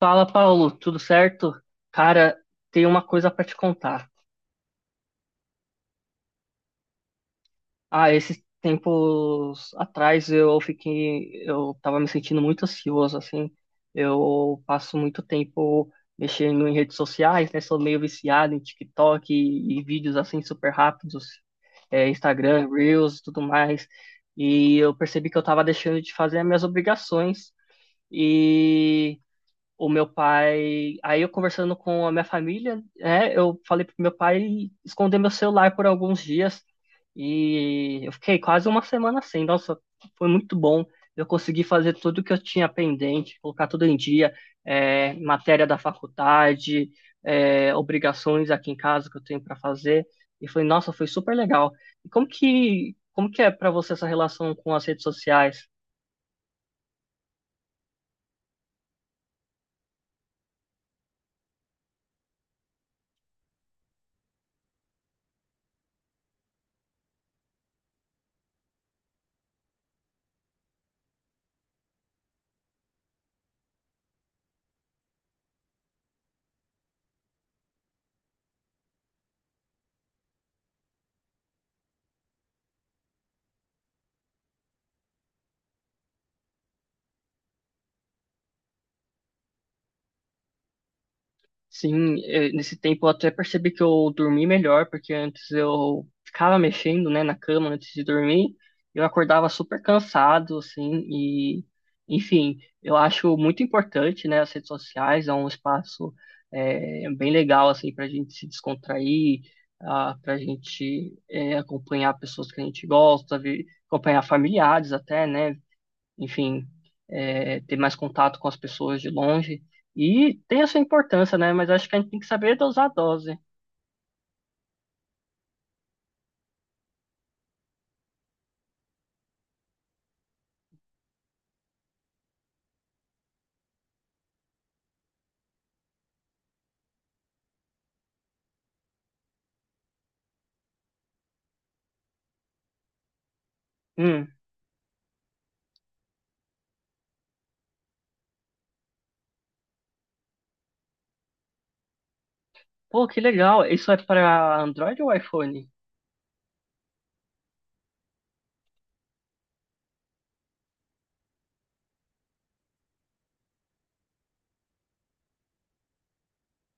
Fala, Paulo, tudo certo? Cara, tem uma coisa pra te contar. Ah, esses tempos atrás eu tava me sentindo muito ansioso, assim. Eu passo muito tempo mexendo em redes sociais, né? Sou meio viciado em TikTok e vídeos assim super rápidos, Instagram, Reels, tudo mais. E eu percebi que eu tava deixando de fazer as minhas obrigações o meu pai. Aí eu conversando com a minha família, né, eu falei pro meu pai esconder meu celular por alguns dias. E eu fiquei quase uma semana sem. Nossa, foi muito bom. Eu consegui fazer tudo que eu tinha pendente, colocar tudo em dia, matéria da faculdade, obrigações aqui em casa que eu tenho para fazer. E foi, nossa, foi super legal. E como que é para você essa relação com as redes sociais? Sim, nesse tempo eu até percebi que eu dormi melhor, porque antes eu ficava mexendo, né, na cama antes de dormir, eu acordava super cansado, assim, e, enfim, eu acho muito importante, né, as redes sociais, é um espaço bem legal, assim, para a gente se descontrair, para a gente acompanhar pessoas que a gente gosta, acompanhar familiares até, né, enfim, ter mais contato com as pessoas de longe. E tem a sua importância, né? Mas acho que a gente tem que saber dosar a dose. Hum. Pô, que legal. Isso é para Android ou iPhone?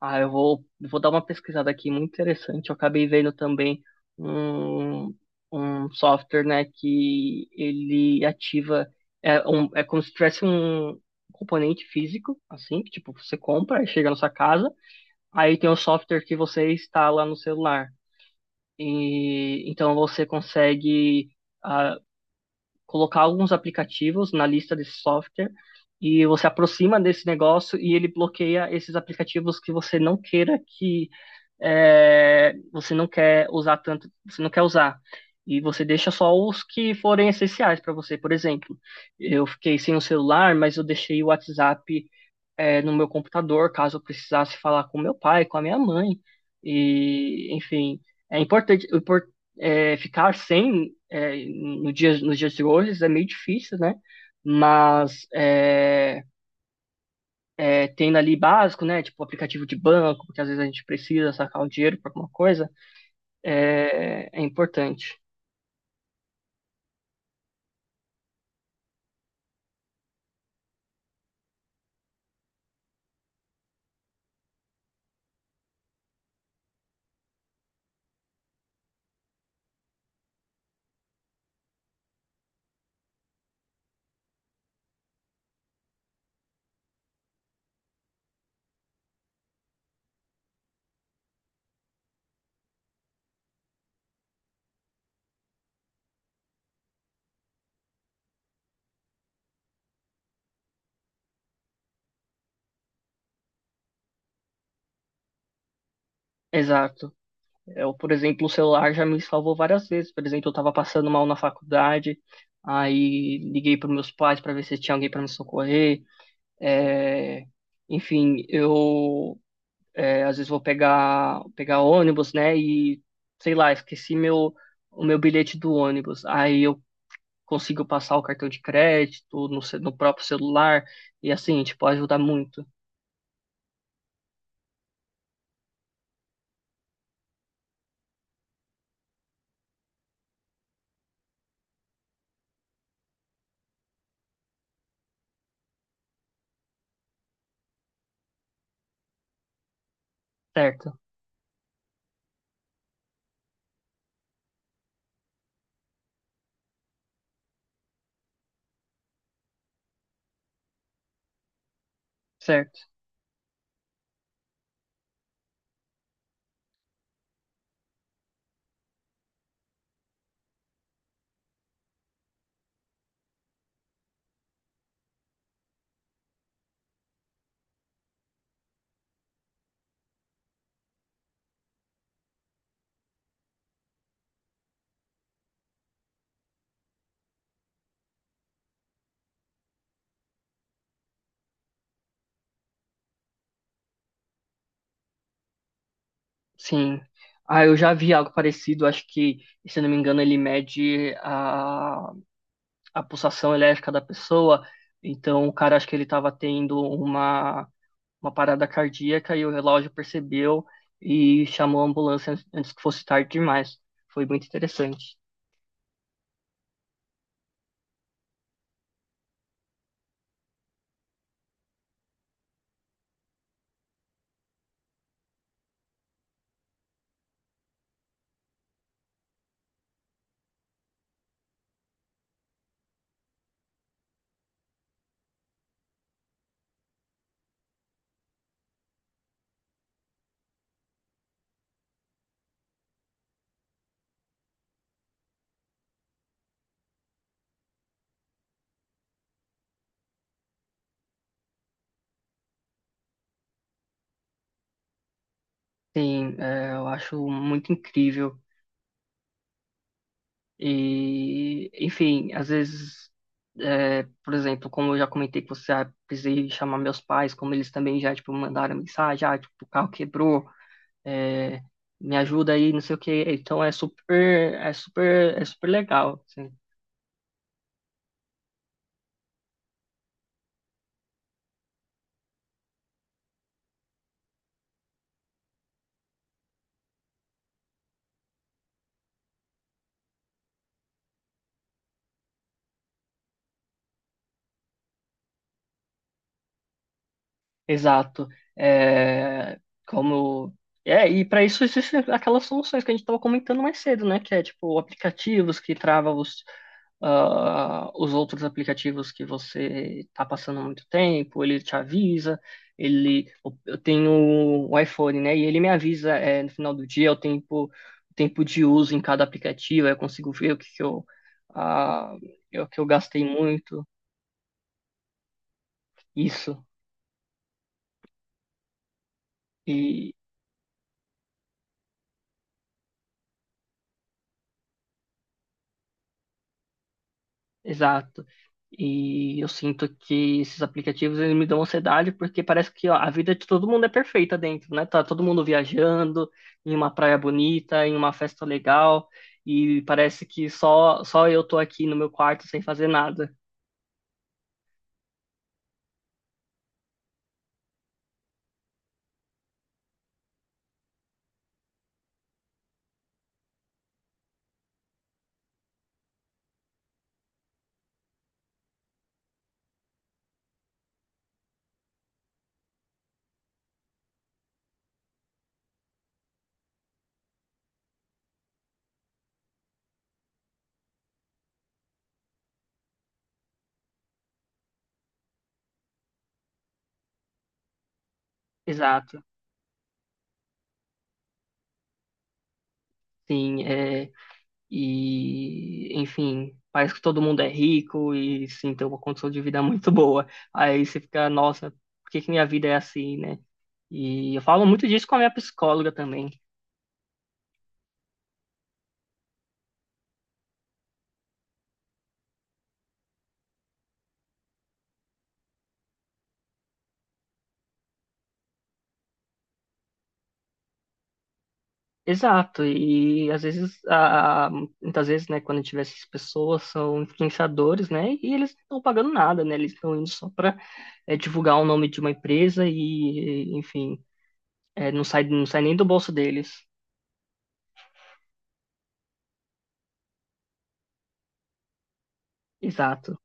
Ah, eu vou dar uma pesquisada aqui, muito interessante. Eu acabei vendo também um, um software, né, que ele ativa, é como se tivesse um componente físico, assim, que tipo, você compra e chega na sua casa, aí tem um software que você instala no celular. E então você consegue ah, colocar alguns aplicativos na lista desse software e você aproxima desse negócio e ele bloqueia esses aplicativos que você não queira que você não quer usar tanto, você não quer usar. E você deixa só os que forem essenciais para você. Por exemplo, eu fiquei sem o celular, mas eu deixei o WhatsApp no meu computador, caso eu precisasse falar com meu pai, com a minha mãe. E, enfim, é importante ficar sem, no dia, nos dias de hoje é meio difícil, né? Mas tendo ali básico, né? Tipo aplicativo de banco, porque às vezes a gente precisa sacar o dinheiro para alguma coisa, é importante. Exato. Eu, por exemplo, o celular já me salvou várias vezes. Por exemplo, eu estava passando mal na faculdade, aí liguei para meus pais para ver se tinha alguém para me socorrer. É, enfim, às vezes vou pegar ônibus, né? E sei lá, esqueci meu o meu bilhete do ônibus. Aí eu consigo passar o cartão de crédito no próprio celular e assim, tipo, ajuda muito. Certo, certo. Sim. Ah, eu já vi algo parecido. Acho que, se eu não me engano, ele mede a pulsação elétrica da pessoa. Então, o cara, acho que ele estava tendo uma parada cardíaca e o relógio percebeu e chamou a ambulância antes que fosse tarde demais. Foi muito interessante. Sim, é, eu acho muito incrível. E, enfim, às vezes, por exemplo, como eu já comentei com você, precisei chamar meus pais, como eles também já, tipo, mandaram mensagem, tipo, o carro quebrou, é, me ajuda aí, não sei o quê. Então é super, é super, é super legal, assim. Exato. É, como é, e para isso existem aquelas soluções que a gente estava comentando mais cedo, né? Que é tipo aplicativos que travam os, os outros aplicativos que você está passando muito tempo, ele te avisa, ele eu tenho o iPhone, né? E ele me avisa no final do dia o tempo, de uso em cada aplicativo, aí eu consigo ver o que que ah, o que eu gastei muito, isso. Exato. E eu sinto que esses aplicativos eles me dão ansiedade porque parece que ó, a vida de todo mundo é perfeita dentro, né? Tá todo mundo viajando em uma praia bonita, em uma festa legal, e parece que só eu tô aqui no meu quarto sem fazer nada. Exato. Sim, é, e enfim, parece que todo mundo é rico e sim, tem uma condição de vida muito boa. Aí você fica, nossa, por que que minha vida é assim, né? E eu falo muito disso com a minha psicóloga também. Exato, e às vezes, muitas vezes, né, quando a gente vê essas pessoas, são influenciadores, né, e eles não estão pagando nada, né, eles estão indo só para divulgar o nome de uma empresa e, enfim, é, não sai, não sai nem do bolso deles. Exato.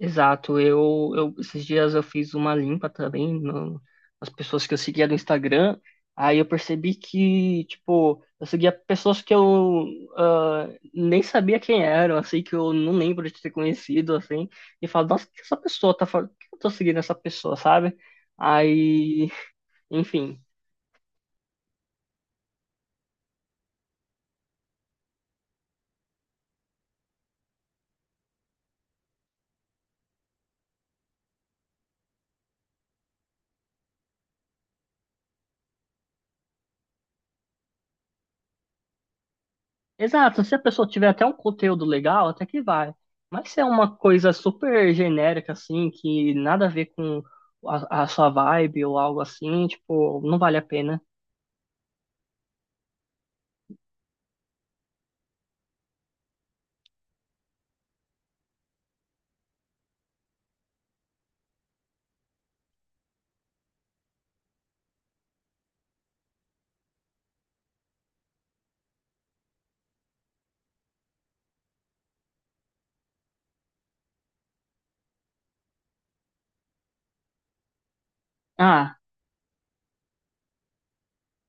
Exato, eu esses dias eu fiz uma limpa também nas pessoas que eu seguia no Instagram, aí eu percebi que, tipo, eu seguia pessoas que eu ah, nem sabia quem eram, assim, que eu não lembro de ter conhecido, assim, e falo, nossa, o que essa pessoa tá falando? Por que eu tô seguindo essa pessoa, sabe? Aí, enfim. Exato, se a pessoa tiver até um conteúdo legal, até que vai. Mas se é uma coisa super genérica, assim, que nada a ver com a sua vibe ou algo assim, tipo, não vale a pena. Ah,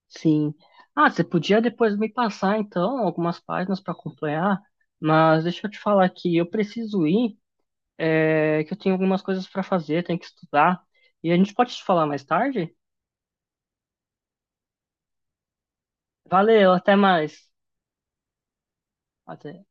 sim. Ah, você podia depois me passar, então, algumas páginas para acompanhar, mas deixa eu te falar que eu preciso ir, que eu tenho algumas coisas para fazer, tenho que estudar, e a gente pode te falar mais tarde? Valeu, até mais. Até.